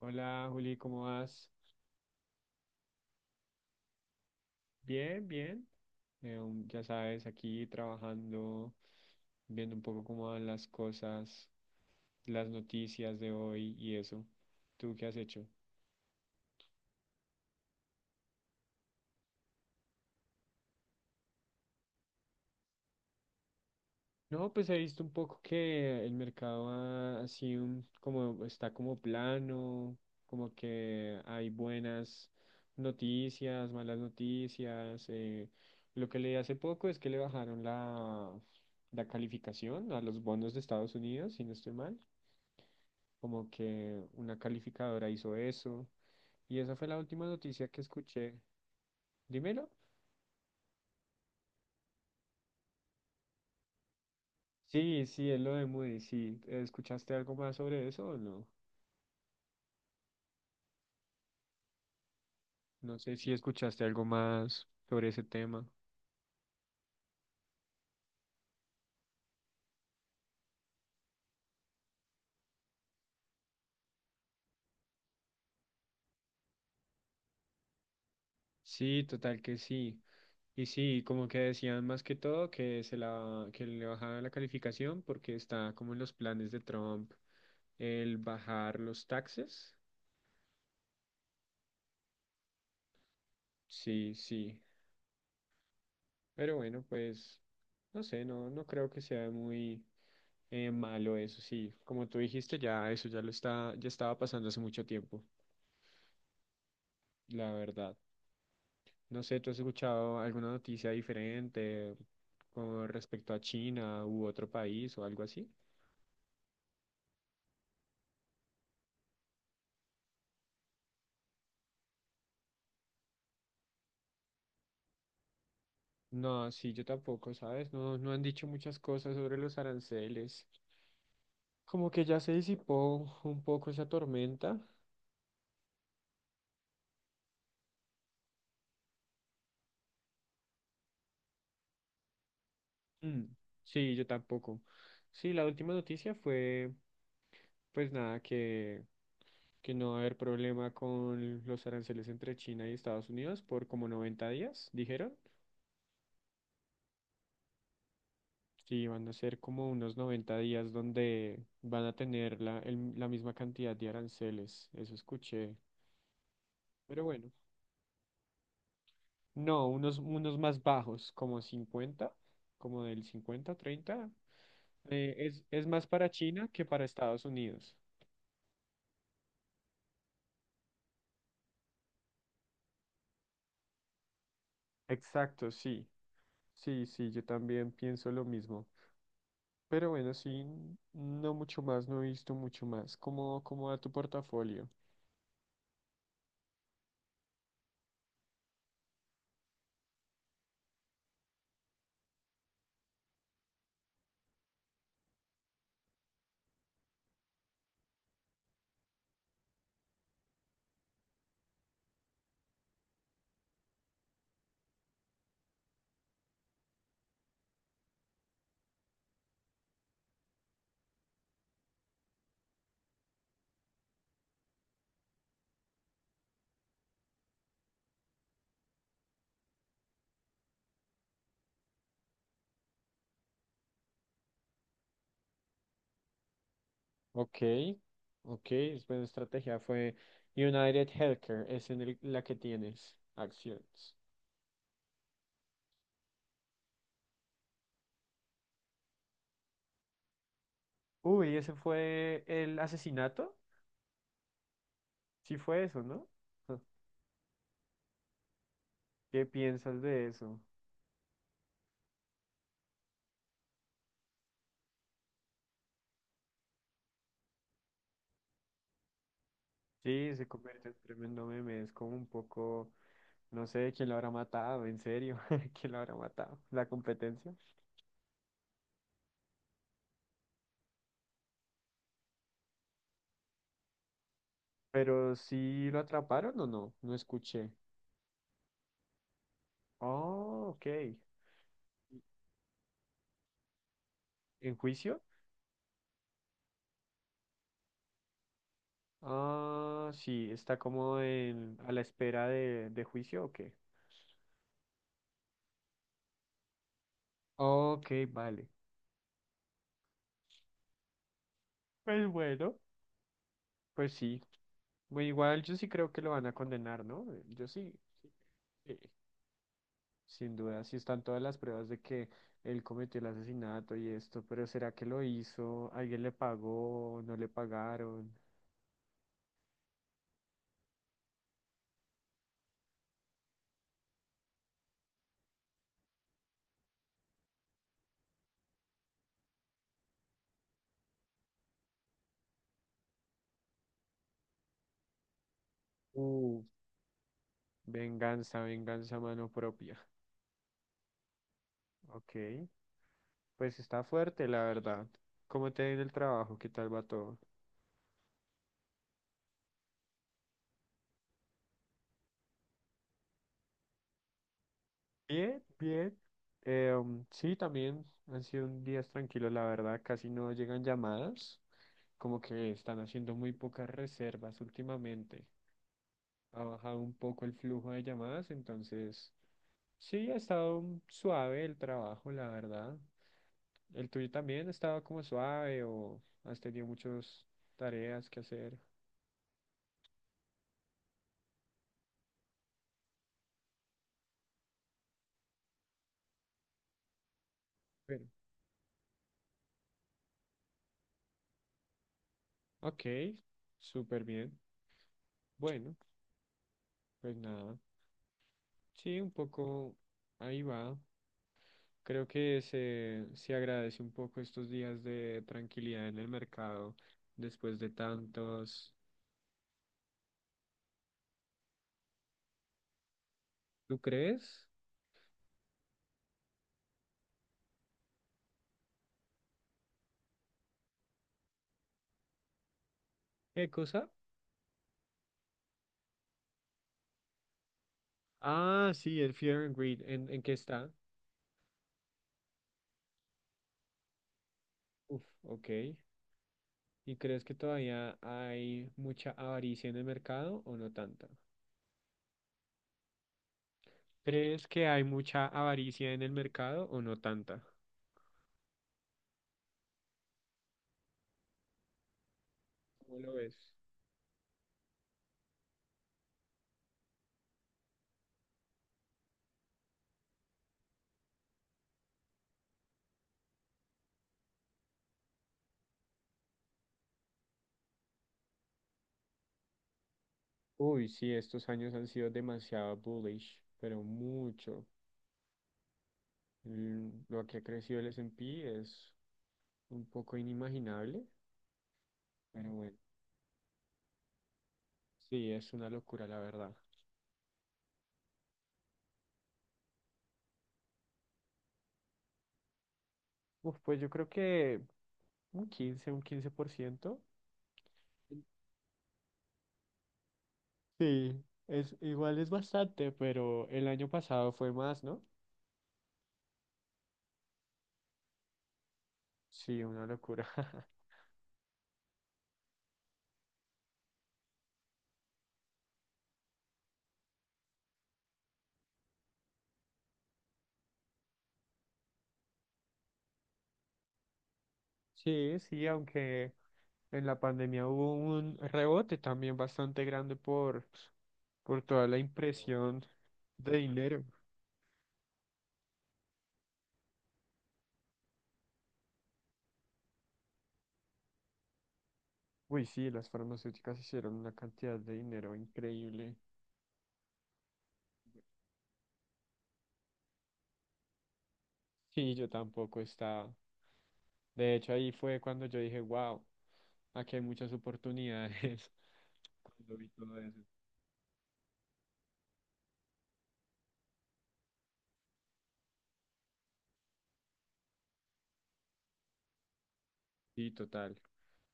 Hola Juli, ¿cómo vas? Bien, bien. Ya sabes, aquí trabajando, viendo un poco cómo van las cosas, las noticias de hoy y eso. ¿Tú qué has hecho? No, pues he visto un poco que el mercado ha sido como está como plano, como que hay buenas noticias, malas noticias. Lo que leí hace poco es que le bajaron la calificación a los bonos de Estados Unidos, si no estoy mal. Como que una calificadora hizo eso. Y esa fue la última noticia que escuché. Dímelo. Sí, sí, es lo de Moody, sí. ¿Escuchaste algo más sobre eso o no? No sé si escuchaste algo más sobre ese tema. Sí, total que sí. Y sí, como que decían más que todo que se la que le bajaban la calificación porque está como en los planes de Trump el bajar los taxes. Sí, sí. Pero bueno, pues no sé, no creo que sea muy malo eso, sí. Como tú dijiste, ya eso ya lo está, ya estaba pasando hace mucho tiempo, la verdad. No sé, ¿tú has escuchado alguna noticia diferente con respecto a China u otro país o algo así? No, sí, yo tampoco, ¿sabes? No, no han dicho muchas cosas sobre los aranceles. Como que ya se disipó un poco esa tormenta. Mm, sí, yo tampoco. Sí, la última noticia fue, pues nada, que no va a haber problema con los aranceles entre China y Estados Unidos por como 90 días, dijeron. Sí, van a ser como unos 90 días donde van a tener la misma cantidad de aranceles, eso escuché. Pero bueno, no, unos más bajos, como 50, como del 50, 30. Es más para China que para Estados Unidos. Exacto, sí, sí, sí, yo también pienso lo mismo. Pero bueno, sí, no mucho más, no he visto mucho más. Cómo va tu portafolio? Ok, ok, es buena estrategia. Fue United Healthcare, es en la que tienes acciones. Uy, ese fue el asesinato. Sí fue eso, ¿no? Ja, ¿Qué piensas de eso? Sí, se convierte en tremendo meme. Es como un poco, no sé, quién lo habrá matado, en serio, quién lo habrá matado, la competencia. Pero sí lo atraparon o no, no escuché. Oh, ok. ¿En juicio? Ah, sí, está como en, a la espera de juicio o qué. Ok, vale. Pues bueno, pues sí. Bueno, igual yo sí creo que lo van a condenar, ¿no? Yo sí. Sí, sí. Sin duda, sí están todas las pruebas de que él cometió el asesinato y esto, pero ¿será que lo hizo? ¿Alguien le pagó? ¿No le pagaron? Uh, venganza, venganza a mano propia. Ok. Pues está fuerte, la verdad. ¿Cómo te ha ido el trabajo? ¿Qué tal va todo? Bien, bien. Sí, también han sido días tranquilos, la verdad. Casi no llegan llamadas. Como que están haciendo muy pocas reservas últimamente. Ha bajado un poco el flujo de llamadas, entonces sí, ha estado suave el trabajo, la verdad. ¿El tuyo también estaba como suave o has tenido muchas tareas que hacer? Bueno, ok, súper bien. Bueno, pues nada. Sí, un poco ahí va. Creo que se agradece un poco estos días de tranquilidad en el mercado después de tantos. ¿Tú crees? ¿Qué cosa? Ah, sí, el Fear and Greed. En qué está? Uf, ok. ¿Y crees que todavía hay mucha avaricia en el mercado o no tanta? ¿Crees que hay mucha avaricia en el mercado o no tanta? ¿Cómo lo ves? Uy, sí, estos años han sido demasiado bullish, pero mucho. Mm, lo que ha crecido el S and P es un poco inimaginable, pero bueno, sí, es una locura, la verdad. Uf, pues yo creo que un 15%. Sí, es, igual es bastante, pero el año pasado fue más, ¿no? Sí, una locura. Sí, sí, aunque en la pandemia hubo un rebote también bastante grande por toda la impresión de dinero. Uy, sí, las farmacéuticas hicieron una cantidad de dinero increíble. Sí, yo tampoco estaba. De hecho, ahí fue cuando yo dije, wow, aquí hay muchas oportunidades. Cuando vi todo eso. Sí, total.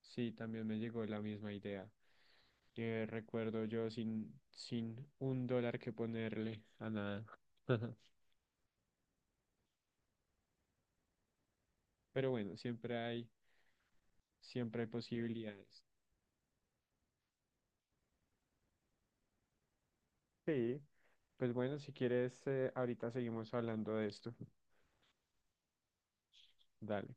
Sí, también me llegó la misma idea. Que recuerdo yo sin un dólar que ponerle a nada. Pero bueno, siempre hay posibilidades. Sí, pues bueno, si quieres, ahorita seguimos hablando de esto. Dale.